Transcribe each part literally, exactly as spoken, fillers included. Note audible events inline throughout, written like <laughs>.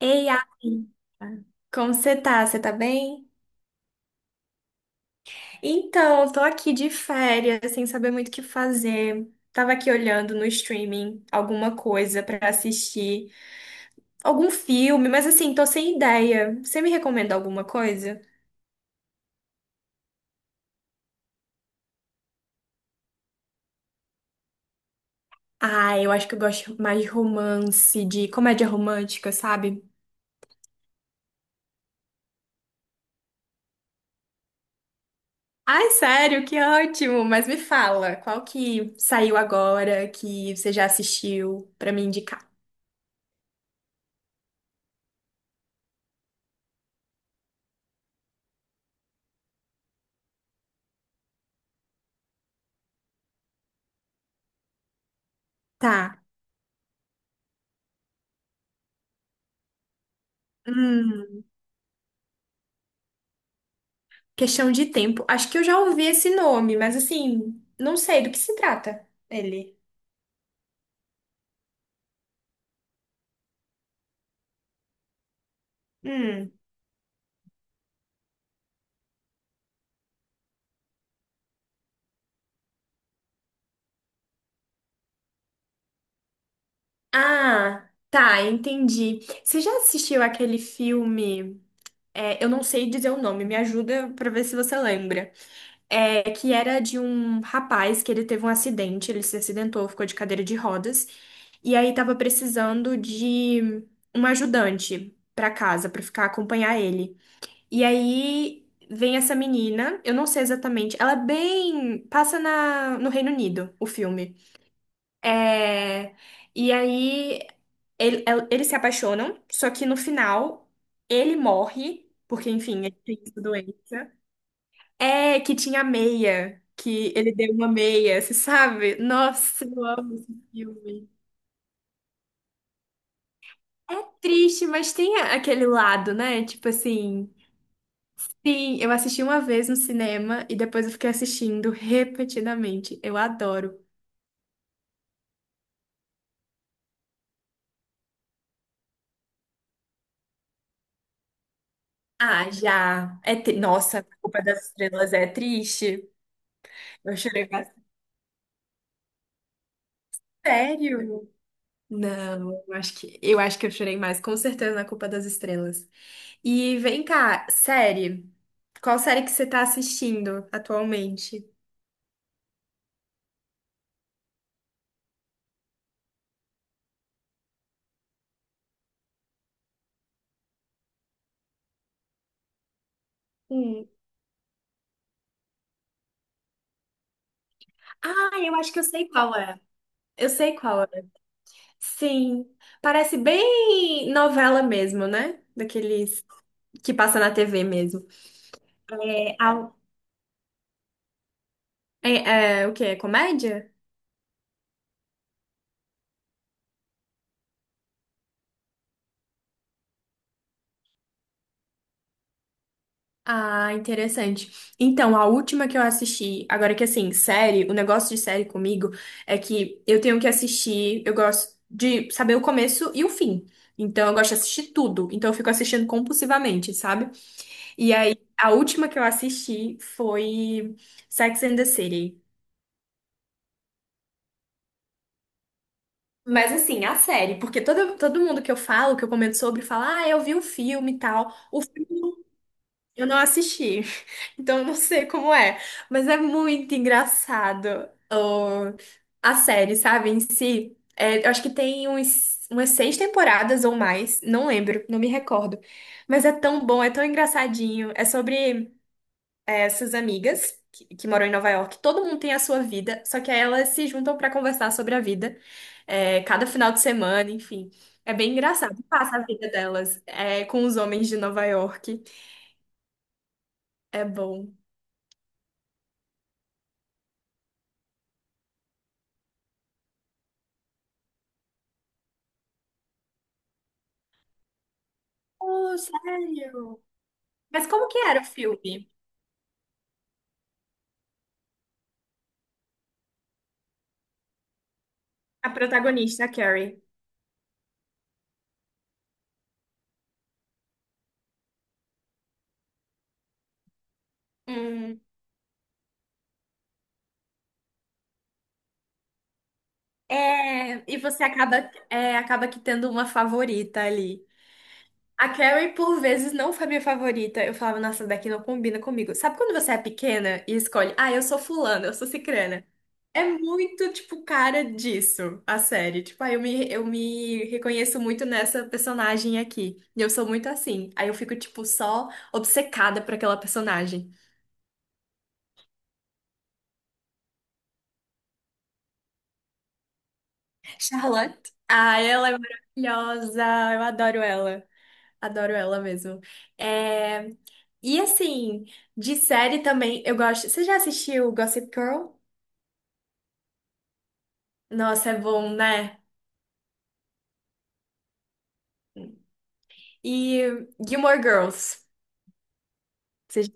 Ei, Aline, como você tá? Você tá bem? Então, eu tô aqui de férias, sem saber muito o que fazer. Tava aqui olhando no streaming alguma coisa pra assistir, algum filme, mas assim, tô sem ideia. Você me recomenda alguma coisa? Ah, eu acho que eu gosto mais de romance, de comédia romântica, sabe? Ai, sério, que ótimo! Mas me fala, qual que saiu agora que você já assistiu pra me indicar? Tá. Questão de tempo. Acho que eu já ouvi esse nome, mas assim, não sei do que se trata ele. Hum. Ah, tá, entendi. Você já assistiu aquele filme? É, eu não sei dizer o nome, me ajuda pra ver se você lembra. É, que era de um rapaz que ele teve um acidente, ele se acidentou, ficou de cadeira de rodas, e aí tava precisando de um ajudante pra casa, pra ficar acompanhar ele. E aí vem essa menina, eu não sei exatamente, ela é bem. Passa na, no Reino Unido, o filme. É, e aí ele- el- eles se apaixonam, só que no final ele morre, porque enfim, ele tem essa doença. É que tinha meia, que ele deu uma meia, você sabe? Nossa, eu amo esse filme. É triste, mas tem a- aquele lado, né? Tipo assim. Sim, eu assisti uma vez no cinema e depois eu fiquei assistindo repetidamente. Eu adoro. Ah, já. É tri- Nossa, A Culpa das Estrelas é triste. Eu chorei bastante. Sério? Não, eu acho que eu acho que eu chorei mais, com certeza, na Culpa das Estrelas. E vem cá, série. Qual série que você tá assistindo atualmente? Hum. Ah, eu acho que eu sei qual é. Eu sei qual é. Sim, parece bem novela mesmo, né? Daqueles que passa na T V mesmo. É, a- É, é, o quê? É comédia? Ah, interessante. Então, a última que eu assisti, agora que assim, série, o negócio de série comigo é que eu tenho que assistir, eu gosto de saber o começo e o fim. Então, eu gosto de assistir tudo. Então, eu fico assistindo compulsivamente, sabe? E aí, a última que eu assisti foi Sex and the City. Mas assim, a série, porque todo, todo mundo que eu falo, que eu comento sobre, fala, ah, eu vi o filme e tal. Eu não assisti, <laughs> então eu não sei como é, mas é muito engraçado o- a série, sabe, em si. É, eu acho que tem uns, umas seis temporadas ou mais, não lembro, não me recordo. Mas é tão bom, é tão engraçadinho. É sobre é, essas amigas que, que moram em Nova York. Todo mundo tem a sua vida, só que aí elas se juntam pra conversar sobre a vida, é, cada final de semana, enfim. É bem engraçado. Passa a vida delas, é, com os homens de Nova York. É bom. Oh, sério? Mas como que era o filme? A protagonista, a Carrie. Hum, é, e você acaba, é, acaba que tendo uma favorita ali. A Carrie, por vezes, não foi minha favorita. Eu falava, nossa, daqui não combina comigo. Sabe quando você é pequena e escolhe, ah, eu sou fulana, eu sou cicrana? É muito, tipo, cara disso, a série. Tipo, ah, eu me, eu me reconheço muito nessa personagem aqui. E eu sou muito assim. Aí eu fico, tipo, só obcecada por aquela personagem. Charlotte. Ah, ela é maravilhosa. Eu adoro ela. Adoro ela mesmo. É. E assim, de série também, eu gosto. Você já assistiu Gossip Girl? Nossa, é bom, né? E Gilmore Girls. Você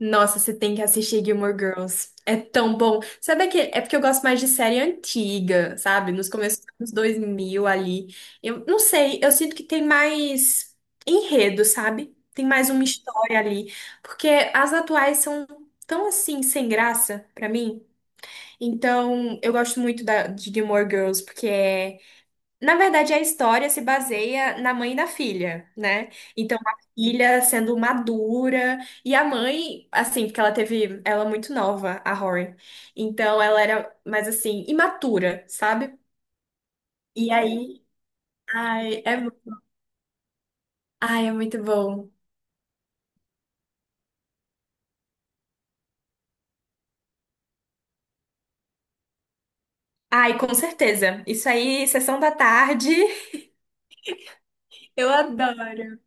Nossa, você tem que assistir Gilmore Girls. É tão bom. Sabe aquele. É porque eu gosto mais de série antiga, sabe? Nos começos dos anos dois mil ali. Eu não sei, eu sinto que tem mais enredo, sabe? Tem mais uma história ali. Porque as atuais são tão assim, sem graça pra mim. Então, eu gosto muito da... de Gilmore Girls, porque é na verdade, a história se baseia na mãe e na filha, né? Então, a filha sendo madura e a mãe, assim, porque ela teve, ela é muito nova, a Rory. Então, ela era mais assim, imatura, sabe? E aí, ai, é, mu- ai, é muito bom. Ai, com certeza. Isso aí, sessão da tarde. <laughs> Eu adoro.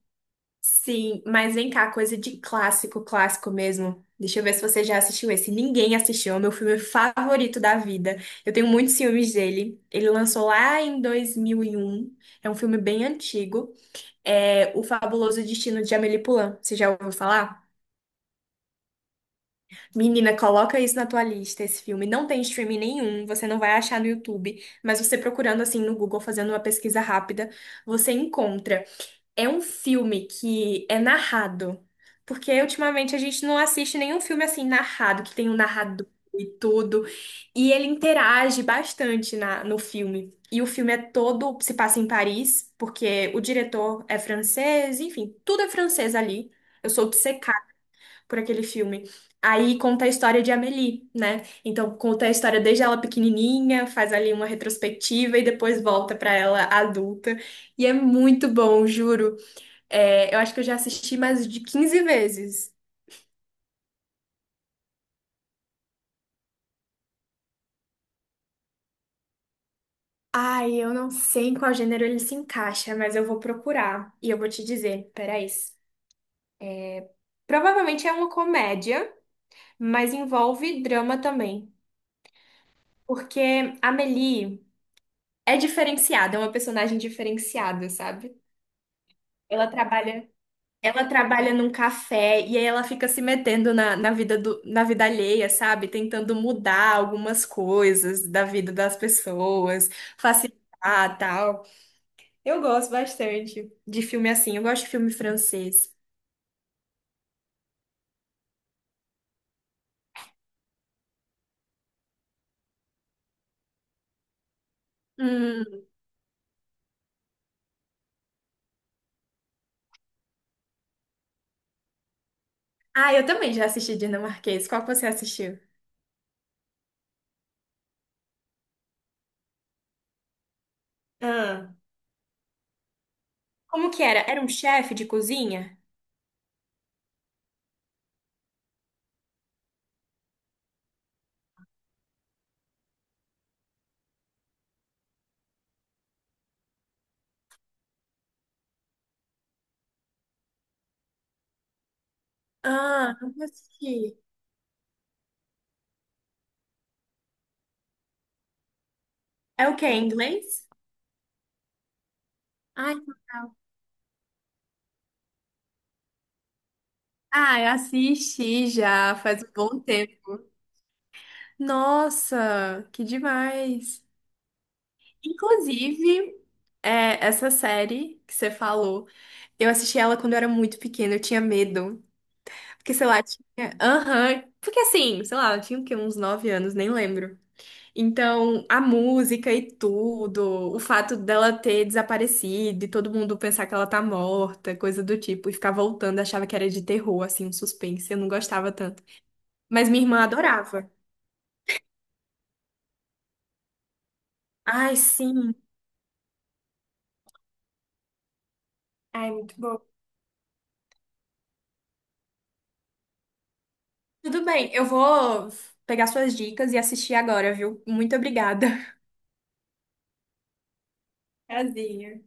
Sim, mas vem cá, coisa de clássico, clássico mesmo. Deixa eu ver se você já assistiu esse. Ninguém assistiu, é o meu filme favorito da vida. Eu tenho muitos filmes dele. Ele lançou lá em dois mil e um. É um filme bem antigo. É O Fabuloso Destino de Amélie Poulain. Você já ouviu falar? Menina, coloca isso na tua lista, esse filme. Não tem streaming nenhum, você não vai achar no YouTube, mas você procurando assim no Google, fazendo uma pesquisa rápida, você encontra. É um filme que é narrado. Porque ultimamente a gente não assiste nenhum filme assim narrado, que tem um narrador e tudo. E ele interage bastante na, no filme. E o filme é todo, se passa em Paris, porque o diretor é francês, enfim, tudo é francês ali. Eu sou obcecada por aquele filme. Aí conta a história de Amélie, né? Então conta a história desde ela pequenininha, faz ali uma retrospectiva e depois volta pra ela adulta. E é muito bom, juro. É, eu acho que eu já assisti mais de quinze vezes. Ai, eu não sei em qual gênero ele se encaixa, mas eu vou procurar e eu vou te dizer. Peraí. Provavelmente é uma comédia, mas envolve drama também. Porque a Amélie é diferenciada, é uma personagem diferenciada, sabe? Ela trabalha, ela trabalha num café e aí ela fica se metendo na, na vida do, na vida alheia, sabe? Tentando mudar algumas coisas da vida das pessoas, facilitar, tal. Eu gosto bastante de filme assim. Eu gosto de filme francês. Hum. Ah, eu também já assisti dinamarquês. Qual que você assistiu? Ah, como que era? Era um chefe de cozinha? Ah, não assisti. É o quê? Em inglês? Ai, que legal. Ah, eu assisti já faz um bom tempo. Nossa, que demais! Inclusive, é, essa série que você falou, eu assisti ela quando eu era muito pequena, eu tinha medo. Porque, sei lá, tinha. Aham. Porque assim, sei lá, eu tinha o quê? Uns nove anos, nem lembro. Então, a música e tudo, o fato dela ter desaparecido e todo mundo pensar que ela tá morta, coisa do tipo, e ficar voltando, achava que era de terror, assim, um suspense. Eu não gostava tanto. Mas minha irmã adorava. Ai, sim. Ai, muito bom. Tudo bem, eu vou pegar suas dicas e assistir agora, viu? Muito obrigada. Prazer.